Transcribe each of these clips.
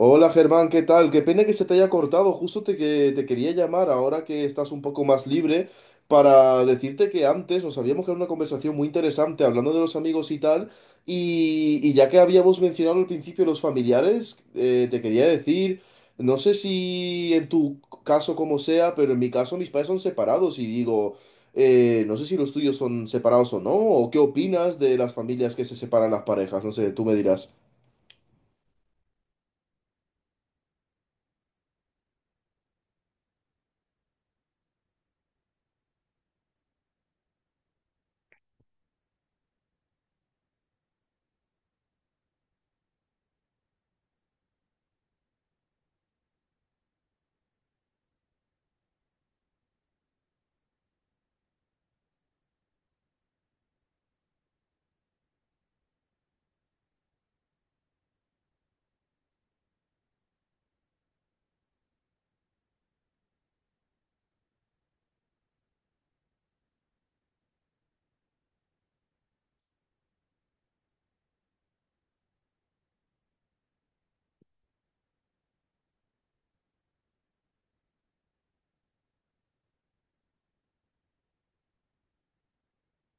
Hola Germán, ¿qué tal? Qué pena que se te haya cortado. Justo te quería llamar ahora que estás un poco más libre para decirte que antes nos habíamos quedado en una conversación muy interesante hablando de los amigos y tal. Y ya que habíamos mencionado al principio los familiares, te quería decir, no sé si en tu caso como sea, pero en mi caso mis padres son separados y digo, no sé si los tuyos son separados o no, o qué opinas de las familias que se separan las parejas. No sé, tú me dirás.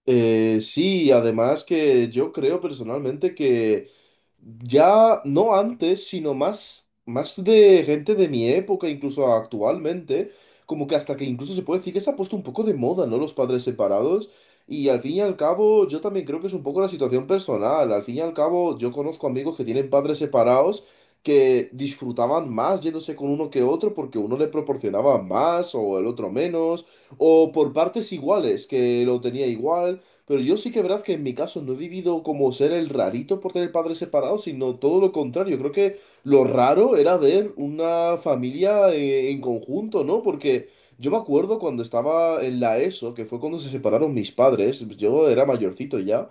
Sí, además que yo creo personalmente que ya no antes, sino más de gente de mi época, incluso actualmente, como que hasta que incluso se puede decir que se ha puesto un poco de moda, ¿no? Los padres separados. Y al fin y al cabo, yo también creo que es un poco la situación personal. Al fin y al cabo, yo conozco amigos que tienen padres separados que disfrutaban más yéndose con uno que otro porque uno le proporcionaba más o el otro menos, o por partes iguales, que lo tenía igual. Pero yo sí que verdad que en mi caso no he vivido como ser el rarito por tener padres separados, sino todo lo contrario. Creo que lo raro era ver una familia en conjunto, ¿no? Porque yo me acuerdo cuando estaba en la ESO, que fue cuando se separaron mis padres, yo era mayorcito ya.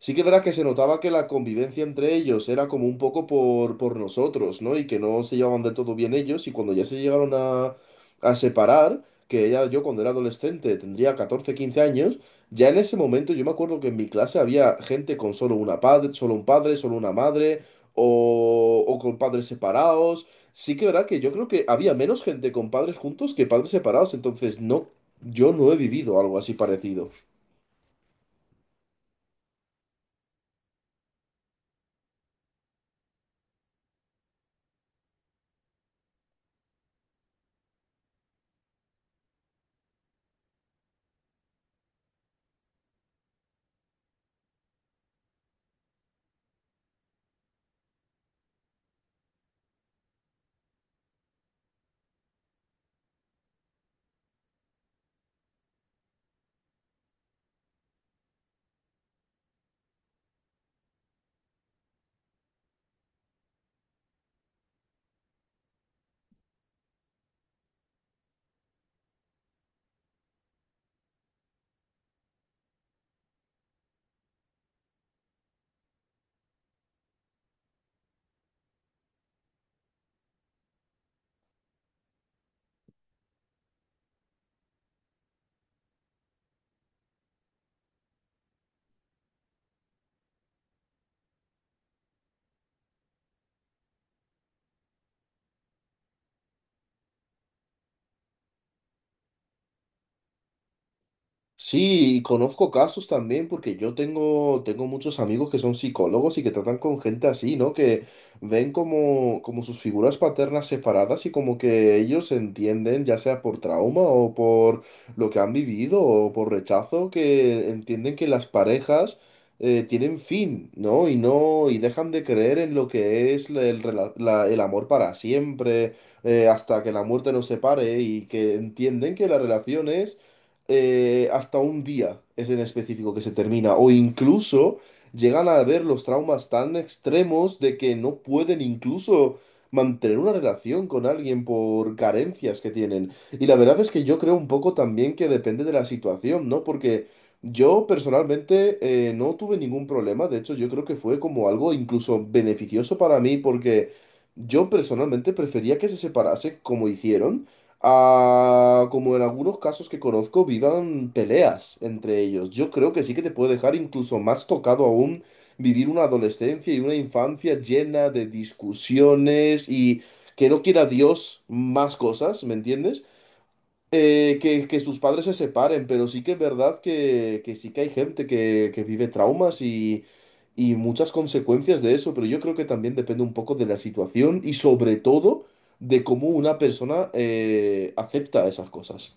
Sí que es verdad que se notaba que la convivencia entre ellos era como un poco por nosotros, ¿no? Y que no se llevaban del todo bien ellos y cuando ya se llegaron a separar, que ella, yo cuando era adolescente tendría 14 15 años, ya en ese momento yo me acuerdo que en mi clase había gente con solo un padre, solo una madre o con padres separados. Sí que es verdad que yo creo que había menos gente con padres juntos que padres separados, entonces no, yo no he vivido algo así parecido. Sí, y conozco casos también porque yo tengo muchos amigos que son psicólogos y que tratan con gente así, ¿no? Que ven como, como sus figuras paternas separadas y como que ellos entienden, ya sea por trauma o por lo que han vivido o por rechazo, que entienden que las parejas tienen fin, ¿no? Y no, y dejan de creer en lo que es el amor para siempre, hasta que la muerte nos separe y que entienden que la relación es hasta un día es en específico que se termina, o incluso llegan a ver los traumas tan extremos de que no pueden incluso mantener una relación con alguien por carencias que tienen. Y la verdad es que yo creo un poco también que depende de la situación, ¿no? Porque yo personalmente no tuve ningún problema, de hecho yo creo que fue como algo incluso beneficioso para mí porque... Yo personalmente prefería que se separase como hicieron, a, como en algunos casos que conozco, vivan peleas entre ellos. Yo creo que sí que te puede dejar incluso más tocado aún vivir una adolescencia y una infancia llena de discusiones y que no quiera Dios más cosas, ¿me entiendes? Que sus padres se separen, pero sí que es verdad que sí que hay gente que vive traumas y muchas consecuencias de eso, pero yo creo que también depende un poco de la situación y sobre todo de cómo una persona acepta esas cosas.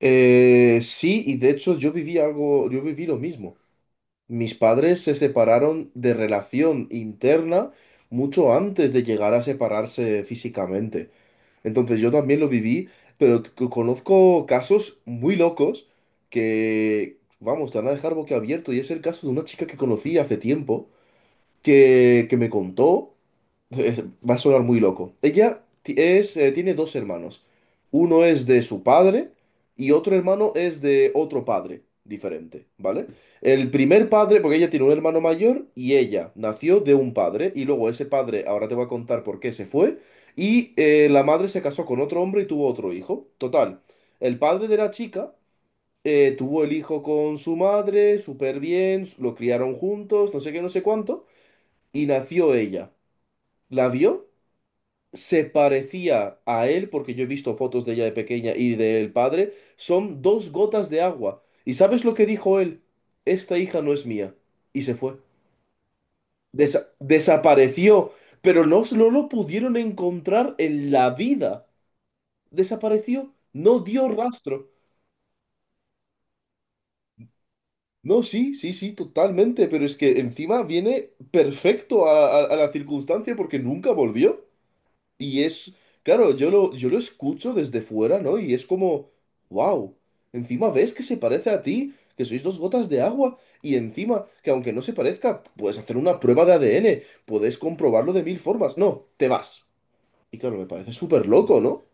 Sí, y de hecho yo viví algo, yo viví lo mismo. Mis padres se separaron de relación interna mucho antes de llegar a separarse físicamente. Entonces yo también lo viví, pero conozco casos muy locos que, vamos, te van a dejar boquiabierto. Y es el caso de una chica que conocí hace tiempo, que, que me contó, va a sonar muy loco. Ella tiene dos hermanos. Uno es de su padre y otro hermano es de otro padre diferente, ¿vale? El primer padre, porque ella tiene un hermano mayor y ella nació de un padre y luego ese padre, ahora te voy a contar por qué se fue, y la madre se casó con otro hombre y tuvo otro hijo. Total, el padre de la chica tuvo el hijo con su madre, súper bien, lo criaron juntos, no sé qué, no sé cuánto, y nació ella. La vio, se parecía a él, porque yo he visto fotos de ella de pequeña y del padre, son dos gotas de agua. ¿Y sabes lo que dijo él? Esta hija no es mía. Y se fue. Desapareció, pero no, no lo pudieron encontrar en la vida. Desapareció, no dio rastro. No, sí, sí, sí, totalmente, pero es que encima viene perfecto a la circunstancia porque nunca volvió. Y es, claro, yo lo escucho desde fuera, ¿no? Y es como, wow, encima ves que se parece a ti, que sois dos gotas de agua, y encima, que aunque no se parezca, puedes hacer una prueba de ADN, puedes comprobarlo de mil formas. No, te vas. Y claro, me parece súper loco, ¿no?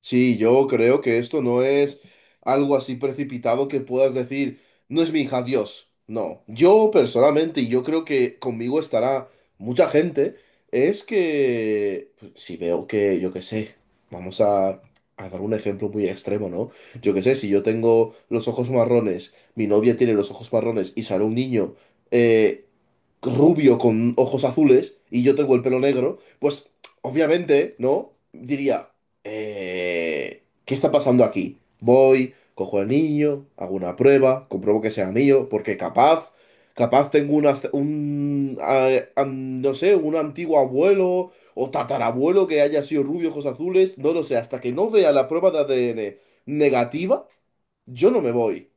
Sí, yo creo que esto no es algo así precipitado que puedas decir, no es mi hija, Dios. No, yo personalmente, y yo creo que conmigo estará mucha gente, es que pues, si veo que, yo qué sé, vamos a dar un ejemplo muy extremo, ¿no? Yo qué sé, si yo tengo los ojos marrones, mi novia tiene los ojos marrones y sale un niño eh, rubio con ojos azules y yo tengo el pelo negro, pues obviamente, ¿no? Diría ¿qué está pasando aquí? Voy, cojo al niño, hago una prueba, compruebo que sea mío, porque capaz, capaz tengo una, un, ah, am- no sé, un antiguo abuelo o tatarabuelo que haya sido rubio, ojos azules, no lo sé, hasta que no vea la prueba de ADN negativa, yo no me voy.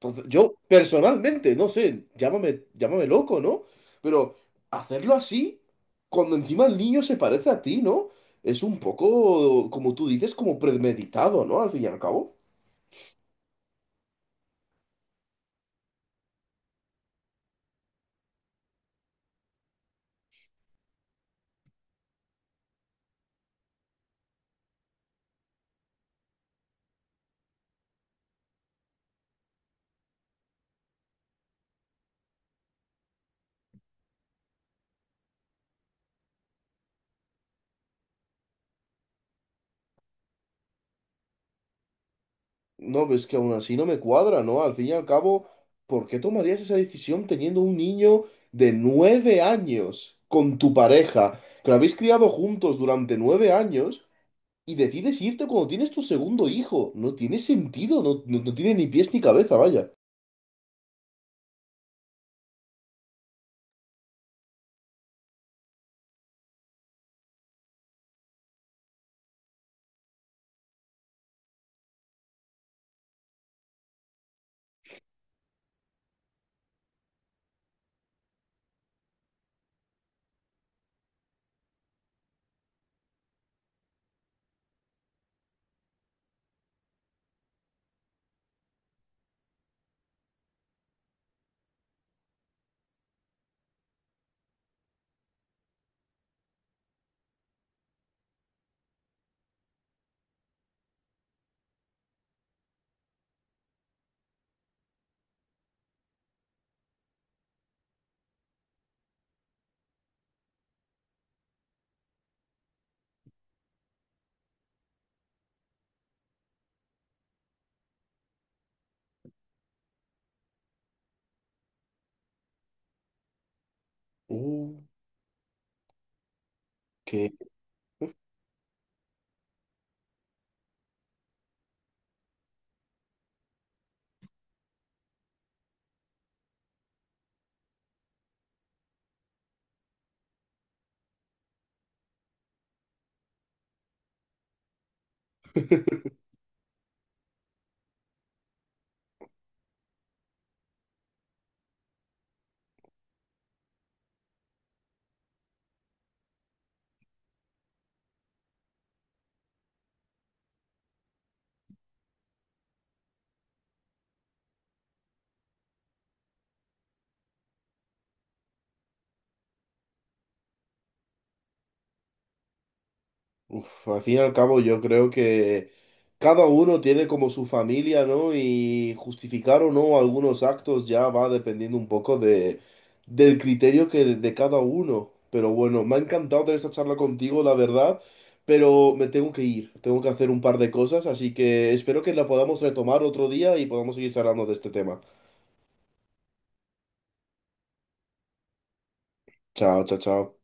Entonces, yo personalmente, no sé, llámame, llámame loco, ¿no? Pero hacerlo así, cuando encima el niño se parece a ti, ¿no? Es un poco, como tú dices, como premeditado, ¿no? Al fin y al cabo. No, ves que aún así no me cuadra, ¿no? Al fin y al cabo, ¿por qué tomarías esa decisión teniendo un niño de 9 años con tu pareja, que lo habéis criado juntos durante 9 años, y decides irte cuando tienes tu segundo hijo? No tiene sentido, no, no no tiene ni pies ni cabeza, vaya. Uh, que, Al fin y al cabo yo creo que cada uno tiene como su familia, ¿no? Y justificar o no algunos actos ya va dependiendo un poco del criterio de cada uno. Pero bueno, me ha encantado tener esta charla contigo, la verdad, pero me tengo que ir, tengo que hacer un par de cosas, así que espero que la podamos retomar otro día y podamos seguir charlando de este tema. Chao, chao, chao.